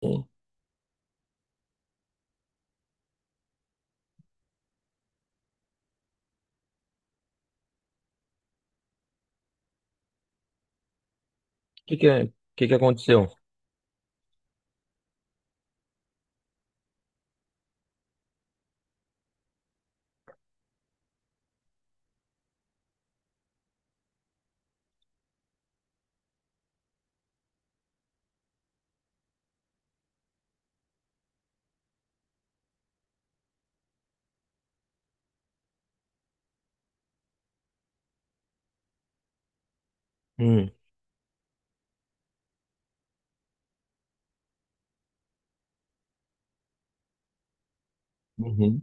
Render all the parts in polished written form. O que que, que aconteceu? Hum, uhum,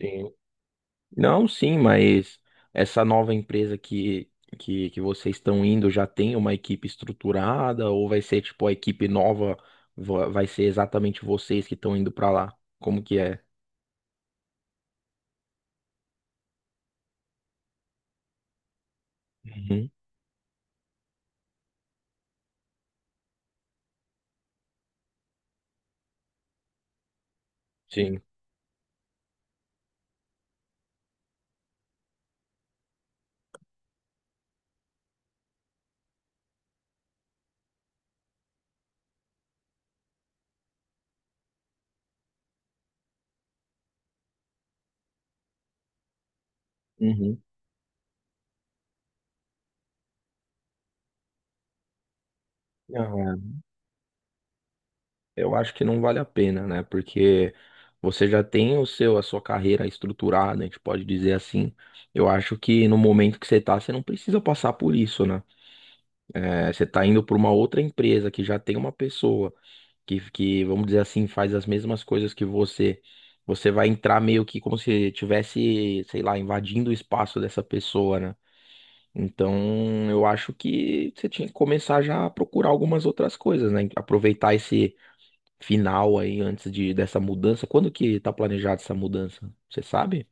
sim. Não, sim, mas essa nova empresa que vocês estão indo já tem uma equipe estruturada ou vai ser tipo a equipe nova, vai ser exatamente vocês que estão indo para lá? Como que é? Uhum, sim. Uhum. Não, é. Eu acho que não vale a pena, né? Porque você já tem o seu, a sua carreira estruturada, a gente pode dizer assim. Eu acho que no momento que você tá, você não precisa passar por isso, né? É, você está indo para uma outra empresa que já tem uma pessoa vamos dizer assim, faz as mesmas coisas que você. Você vai entrar meio que como se tivesse, sei lá, invadindo o espaço dessa pessoa, né? Então, eu acho que você tinha que começar já a procurar algumas outras coisas, né? Aproveitar esse final aí antes de dessa mudança. Quando que tá planejada essa mudança? Você sabe?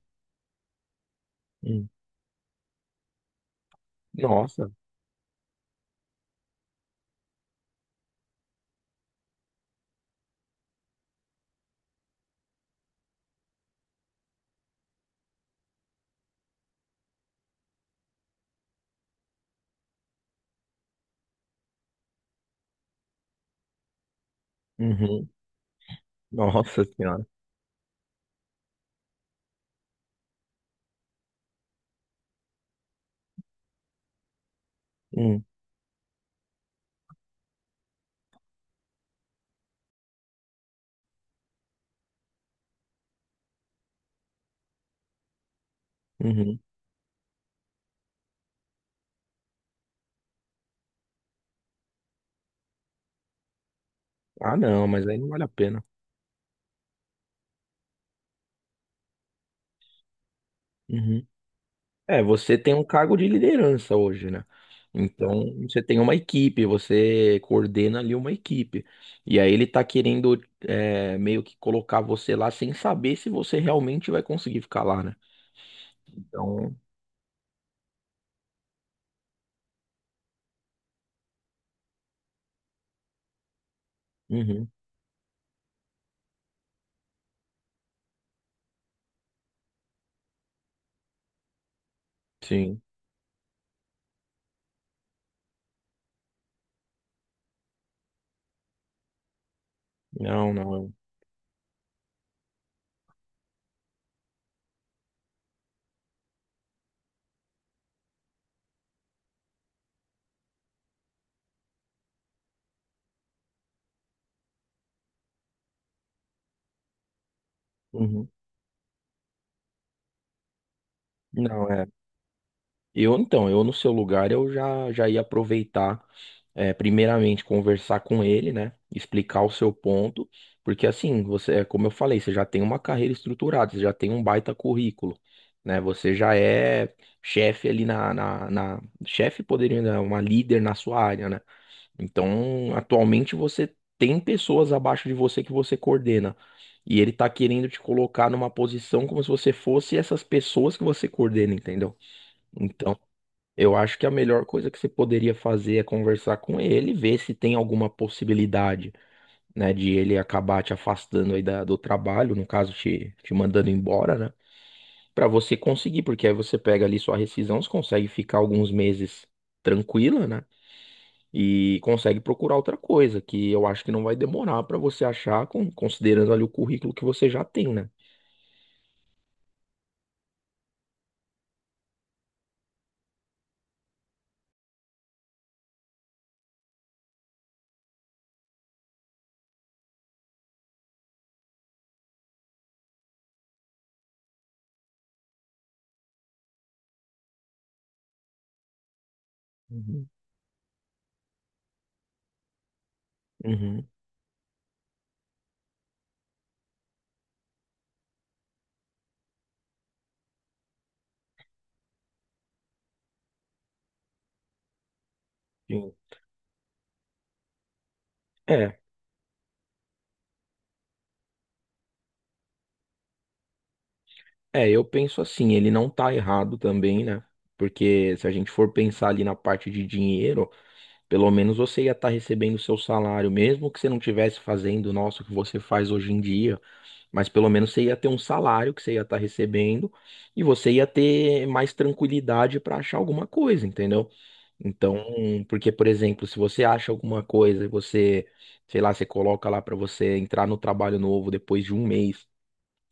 Hum. Nossa. Uhum. Nossa Senhora. Hum. Uhum. Ah, não, mas aí não vale a pena. Uhum. É, você tem um cargo de liderança hoje, né? É. Então, você tem uma equipe, você coordena ali uma equipe. E aí ele tá querendo é, meio que colocar você lá sem saber se você realmente vai conseguir ficar lá, né? Então, uhum, sim. Não, não. eu- uhum. Não, é. Eu, então, eu no seu lugar, eu já ia aproveitar. É, primeiramente conversar com ele, né? Explicar o seu ponto, porque assim, você, é como eu falei, você já tem uma carreira estruturada, você já tem um baita currículo, né? Você já é chefe ali chefe poderia, né, uma líder na sua área, né? Então, atualmente você tem pessoas abaixo de você que você coordena. E ele tá querendo te colocar numa posição como se você fosse essas pessoas que você coordena, entendeu? Então eu acho que a melhor coisa que você poderia fazer é conversar com ele, ver se tem alguma possibilidade, né, de ele acabar te afastando aí do trabalho, no caso, te mandando embora, né, pra você conseguir, porque aí você pega ali sua rescisão, você consegue ficar alguns meses tranquila, né, e consegue procurar outra coisa, que eu acho que não vai demorar pra você achar, considerando ali o currículo que você já tem, né. Uhum. Uhum. Sim. É. É, eu penso assim, ele não tá errado também, né? Porque se a gente for pensar ali na parte de dinheiro, pelo menos você ia estar recebendo o seu salário, mesmo que você não estivesse fazendo, nossa, o que você faz hoje em dia, mas pelo menos você ia ter um salário que você ia estar recebendo e você ia ter mais tranquilidade para achar alguma coisa, entendeu? Então, porque, por exemplo, se você acha alguma coisa e você, sei lá, você coloca lá para você entrar no trabalho novo depois de um mês.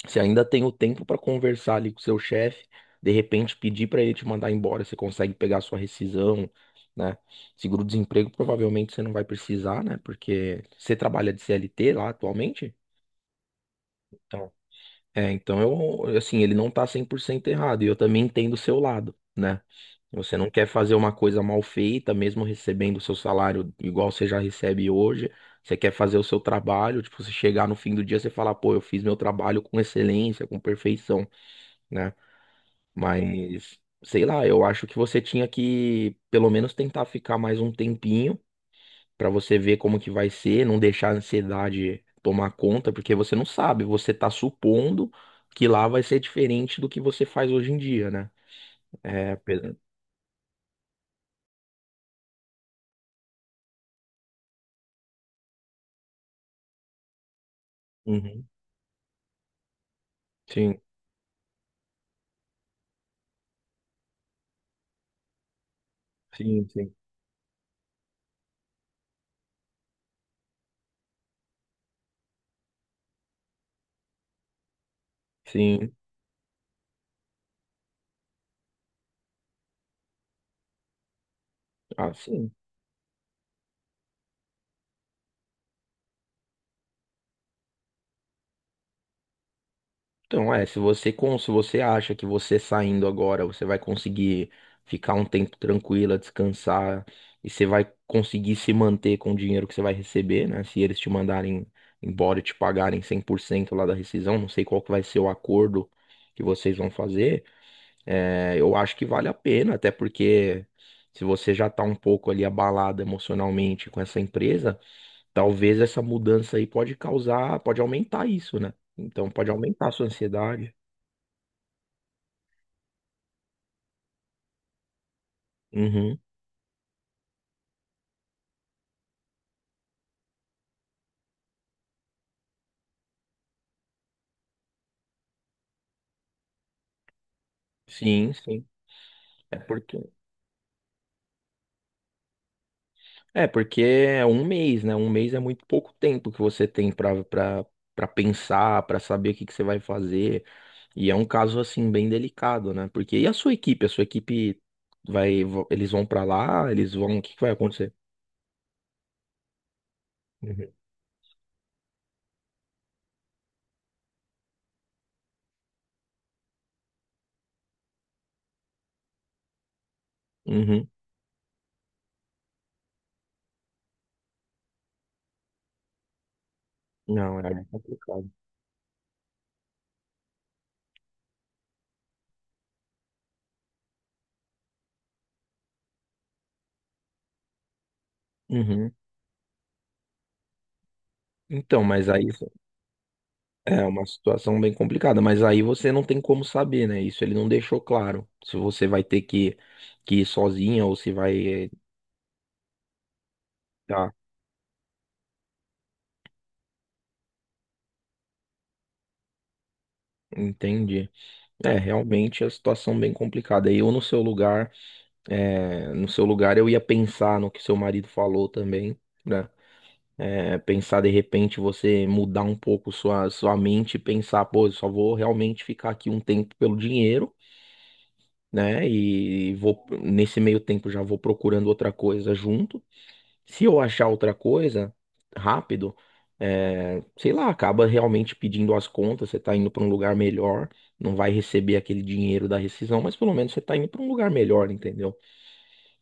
Você ainda tem o tempo para conversar ali com o seu chefe, de repente pedir para ele te mandar embora, você consegue pegar a sua rescisão, né? Seguro-desemprego provavelmente você não vai precisar, né? Porque você trabalha de CLT lá atualmente? Então, é, então eu, assim, ele não tá 100% errado, e eu também entendo o seu lado, né? Você não quer fazer uma coisa mal feita, mesmo recebendo o seu salário igual você já recebe hoje. Você quer fazer o seu trabalho, tipo, você chegar no fim do dia, você falar, pô, eu fiz meu trabalho com excelência, com perfeição, né? Mas, sei lá, eu acho que você tinha que pelo menos tentar ficar mais um tempinho pra você ver como que vai ser, não deixar a ansiedade tomar conta, porque você não sabe, você tá supondo que lá vai ser diferente do que você faz hoje em dia, né? É, pe- Uhum. Sim, sim, sim. Sim. Ah, sim. Então, é, se você, se você acha que você saindo agora, você vai conseguir ficar um tempo tranquila, descansar, e você vai conseguir se manter com o dinheiro que você vai receber, né? Se eles te mandarem embora e te pagarem 100% lá da rescisão, não sei qual que vai ser o acordo que vocês vão fazer, é, eu acho que vale a pena, até porque se você já tá um pouco ali abalado emocionalmente com essa empresa, talvez essa mudança aí pode causar, pode aumentar isso, né? Então pode aumentar a sua ansiedade. Uhum. Sim, sim. É porque é porque é um mês, né? Um mês é muito pouco tempo que você tem para pensar, para saber o que que você vai fazer. E é um caso assim bem delicado, né? Porque e a sua equipe? A sua equipe eles vão para lá, eles vão, o que que vai acontecer? Uhum. Uhum. Não, é complicado. Uhum. Então, mas aí é uma situação bem complicada, mas aí você não tem como saber, né? Isso ele não deixou claro. Se você vai ter que ir sozinha ou se vai Tá, entendi. É, realmente é situação bem complicada. E eu no seu lugar, é, no seu lugar eu ia pensar no que seu marido falou também, né? É, pensar de repente você mudar um pouco sua mente e pensar, pô, eu só vou realmente ficar aqui um tempo pelo dinheiro, né? E vou nesse meio tempo já vou procurando outra coisa junto. Se eu achar outra coisa rápido, é, sei lá, acaba realmente pedindo as contas, você tá indo para um lugar melhor, não vai receber aquele dinheiro da rescisão, mas pelo menos você tá indo para um lugar melhor, entendeu?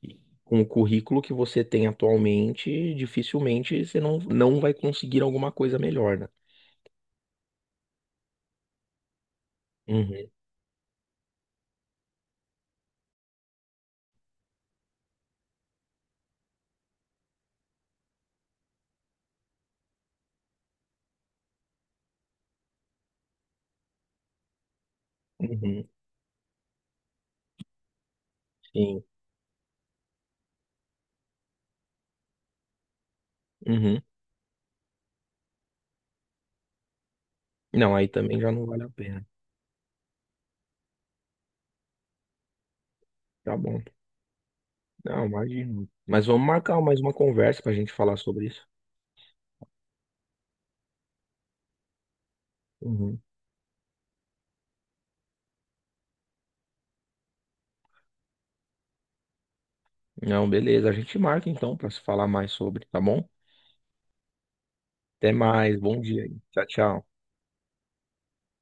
E com o currículo que você tem atualmente, dificilmente você não vai conseguir alguma coisa melhor, né? Uhum, uhum, sim, uhum. Não, aí também já não vale a pena. Tá bom. Não, imagino. Mas vamos marcar mais uma conversa pra gente falar sobre isso. Uhum. Não, beleza. A gente marca então para se falar mais sobre, tá bom? Até mais. Bom dia aí. Tchau, tchau.